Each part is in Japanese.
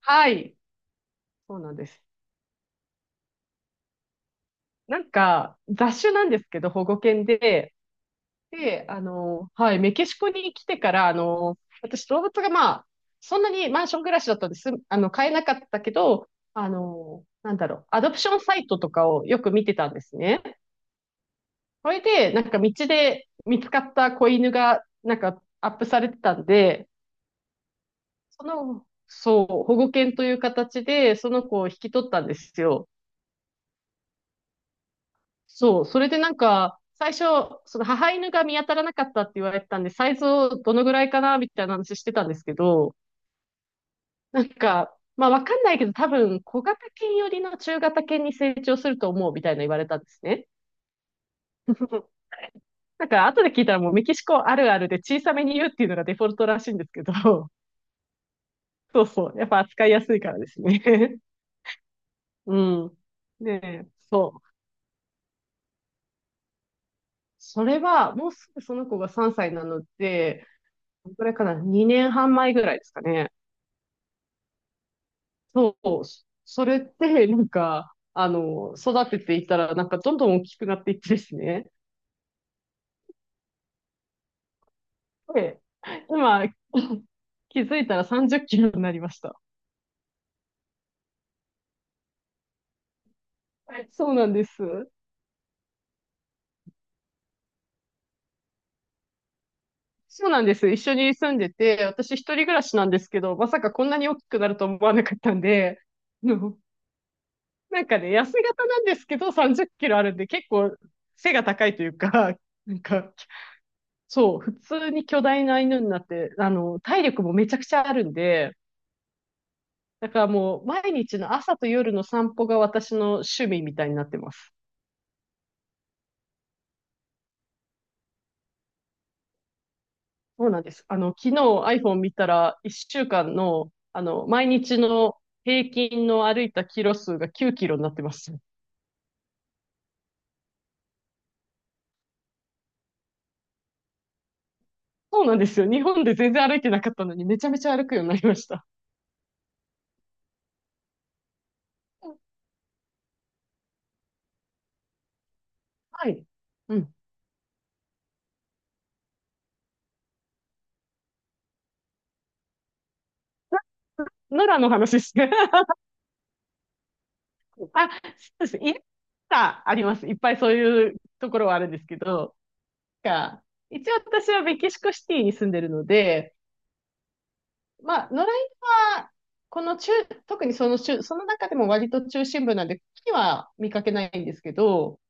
はい。そうなんです。雑種なんですけど、保護犬で、はい、メキシコに来てから、私、動物がまあ、そんなにマンション暮らしだったんです、買えなかったけど、アドプションサイトとかをよく見てたんですね。それで、なんか道で見つかった子犬が、なんかアップされてたんで、そう、保護犬という形で、その子を引き取ったんですよ。そう、それでなんか、最初、その母犬が見当たらなかったって言われてたんで、サイズをどのぐらいかな、みたいな話してたんですけど、なんか、まあわかんないけど、多分小型犬よりの中型犬に成長すると思うみたいな言われたんですね。なんか後で聞いたらもうメキシコあるあるで小さめに言うっていうのがデフォルトらしいんですけど、そうそう、やっぱ扱いやすいからですね。うん。ねえ、そう。それは、もうすぐその子が3歳なので、どれくらいかな、2年半前ぐらいですかね。そう、それって、なんか、育てていったら、なんかどんどん大きくなっていってですね。で、今、気づいたら30キロになりました。そうなんです。そうなんです。一緒に住んでて、私一人暮らしなんですけど、まさかこんなに大きくなると思わなかったんで、あのなんかね、痩せ型なんですけど、30キロあるんで、結構背が高いというか、なんか、そう、普通に巨大な犬になって、体力もめちゃくちゃあるんで、だからもう毎日の朝と夜の散歩が私の趣味みたいになってます。そうなんです。昨日 iPhone 見たら1週間の、毎日の平均の歩いたキロ数が9キロになってます。そうなんですよ。日本で全然歩いてなかったのにめちゃめちゃ歩くようになりました。はい。うん。奈良の話ですね。あ、そうです。いっぱいあります。いっぱいそういうところはあるんですけど、が一応私はメキシコシティに住んでるので、まあ、野良犬は、この中、特にその中、その中でも割と中心部なんで、ここには見かけないんですけど、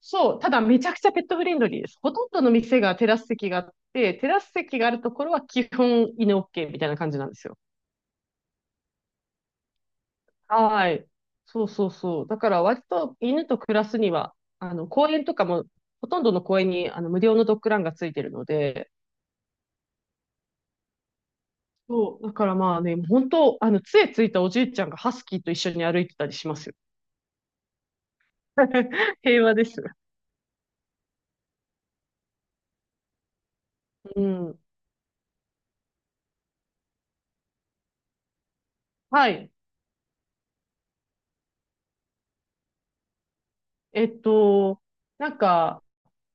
そう、ただめちゃくちゃペットフレンドリーです。ほとんどの店がテラス席があって、テラス席があるところは基本犬 OK みたいな感じなんですよ。はい。そうそうそう。だから割と犬と暮らすには、公園とかも、ほとんどの公園にあの無料のドッグランがついてるので、そう、だからまあね、本当、杖ついたおじいちゃんがハスキーと一緒に歩いてたりしますよ。平和です。うん。はい。えっと、なんか、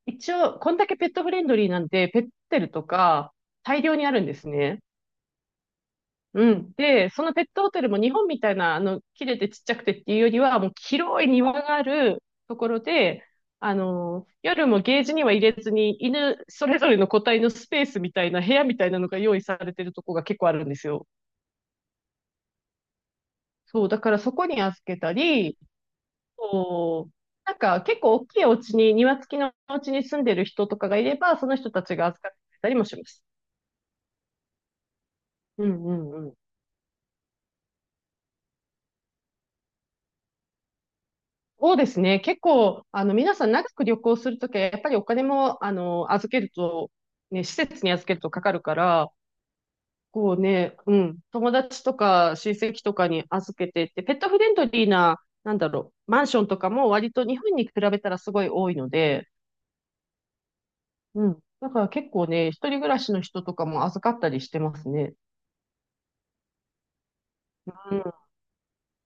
一応、こんだけペットフレンドリーなんで、ペットホテルとか、大量にあるんですね。うん。で、そのペットホテルも日本みたいな、切れてちっちゃくてっていうよりは、もう広い庭があるところで、夜もゲージには入れずに、犬それぞれの個体のスペースみたいな、部屋みたいなのが用意されてるとこが結構あるんですよ。そう、だからそこに預けたり、そう。なんか結構大きいお家に、庭付きのお家に住んでる人とかがいれば、その人たちが預かってくれたりもします。うんうんうん。そうですね。結構、皆さん長く旅行するときは、やっぱりお金も、預けると、ね、施設に預けるとかかるから、こうね、うん、友達とか親戚とかに預けてって、ペットフレンドリーな、なんだろう、マンションとかも割と日本に比べたらすごい多いので、うん。だから結構ね、一人暮らしの人とかも預かったりしてますね。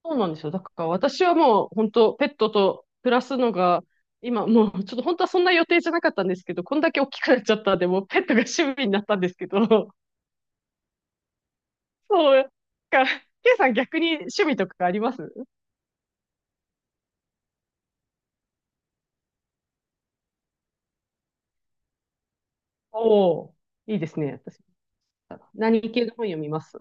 そうなんですよ。だから私はもう本当ペットと暮らすのが、今もうちょっと本当はそんな予定じゃなかったんですけど、こんだけ大きくなっちゃったんで、もうペットが趣味になったんですけど、そう。だから、ケイさん逆に趣味とかあります？おおー、いいですね。私、何系の本読みます？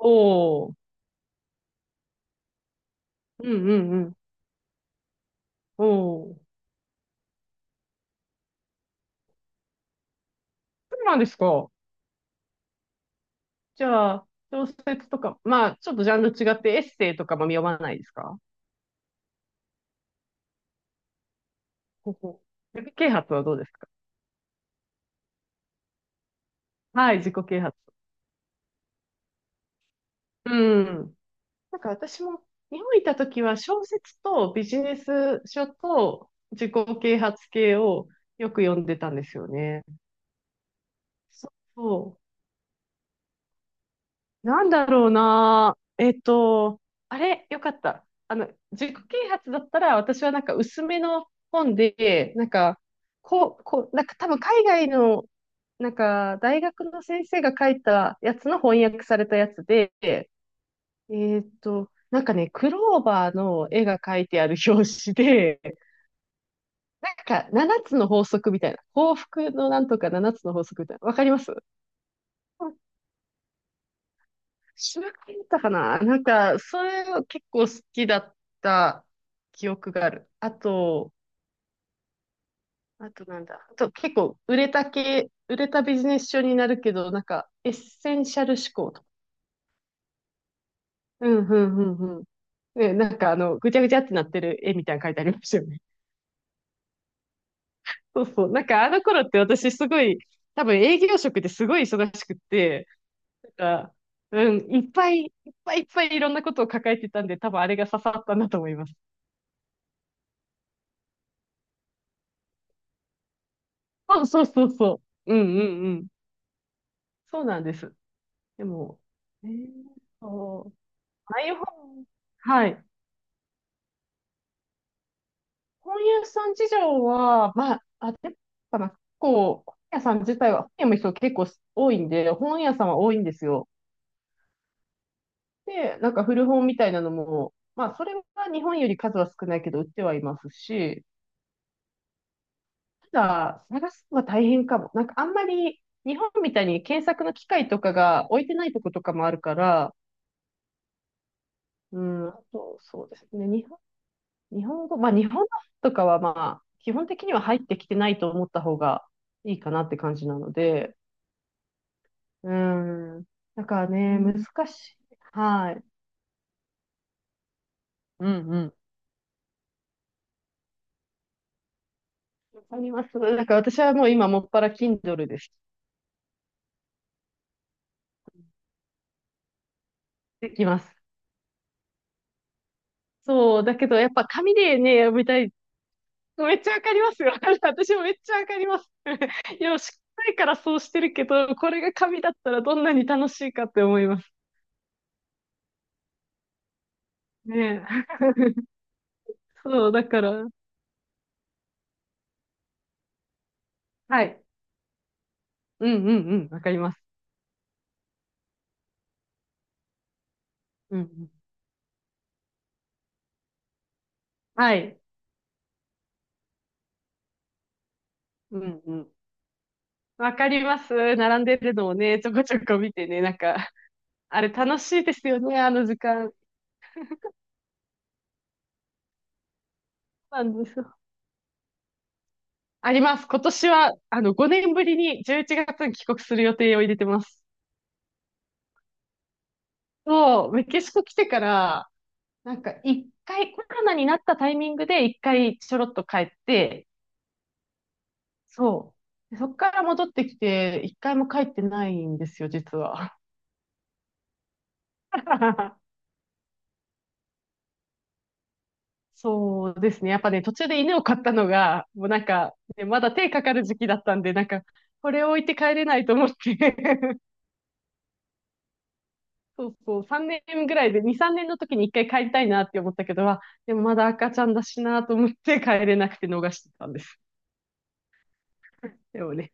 おおー、うんうんうん。おお、そうなんですか。じゃあ、小説とか、まあ、ちょっとジャンル違ってエッセイとかも読まないですか？ほほ。自己啓発はどうですか？はい、自己啓発。うん。なんか私も日本にいた時は小説とビジネス書と自己啓発系をよく読んでたんですよね。そうそう。なんだろうな。あれ、よかった。自己啓発だったら私はなんか薄めの本で、なんか、なんか多分海外の、なんか大学の先生が書いたやつの翻訳されたやつで、なんかね、クローバーの絵が描いてある表紙で、なんか7つの法則みたいな、幸福のなんとか7つの法則みたいな、わかります？知らなかったかな、なんか、それは結構好きだった記憶がある。あと、あとなんだ。あと結構売れた系、売れたビジネス書になるけど、なんかエッセンシャル思考とか。うん、うん、ううん。ね、なんかあの、ぐちゃぐちゃってなってる絵みたいなの書いてありましたよね。そうそう。なんかあの頃って私すごい、多分営業職ですごい忙しくって、なんか、うん、いっぱいいっぱいいっぱいいろんなことを抱えてたんで、多分あれが刺さったんだと思います。そうそうそうそう。うんうんうん。そうなんです。でも、えー、そう。ああいう本、はい。本屋さん事情は、まあ、あれかな、こう本屋さん自体は、本屋も人結構多いんで、本屋さんは多いんですよ。で、なんか古本みたいなのも、まあ、それは日本より数は少ないけど、売ってはいますし、ただ、探すのは大変かも。なんか、あんまり日本みたいに検索の機械とかが置いてないとことかもあるから、うん、あと、そうですね、日本語、まあ、日本のとかは、まあ、基本的には入ってきてないと思った方がいいかなって感じなので、うん、だからね、難しい。はい。うんうん。わかります。だから私はもう今、もっぱら Kindle です。できます。そう、だけどやっぱ紙でね、読みたい。めっちゃわかりますよ。私もめっちゃわかります。いや、しっかりからそうしてるけど、これが紙だったらどんなに楽しいかって思いますね。そう、だから、はい。うんうんうん、わかります。うんうん、はい。うんうん。わかります。並んでるのをね、ちょこちょこ見てね、なんか、あれ楽しいですよね、あの時間。なんですよ。あります。今年は、5年ぶりに11月に帰国する予定を入れてます。そう、メキシコ来てから、なんか一回、コロナになったタイミングで一回ちょろっと帰って、そう。でそっから戻ってきて、一回も帰ってないんですよ、実は。そうですね。やっぱね、途中で犬を飼ったのが、もうなんか、ね、まだ手かかる時期だったんで、なんか、これを置いて帰れないと思って。 そうそう、3年ぐらいで、2、3年の時に一回帰りたいなって思ったけど、あでもまだ赤ちゃんだしなと思って帰れなくて逃してたんです。でもね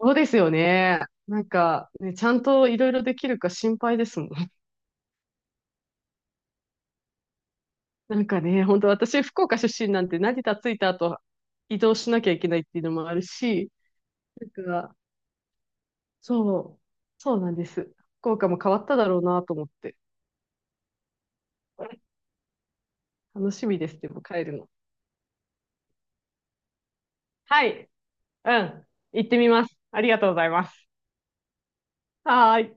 そうですよね。なんか、ね、ちゃんといろいろできるか心配ですもん。なんかね、本当私、福岡出身なんて成田着いた後、移動しなきゃいけないっていうのもあるし、なんか、そう、そうなんです。福岡も変わっただろうなと思って。楽しみです、でも帰るの。はい、うん、行ってみます。ありがとうございます。はーい。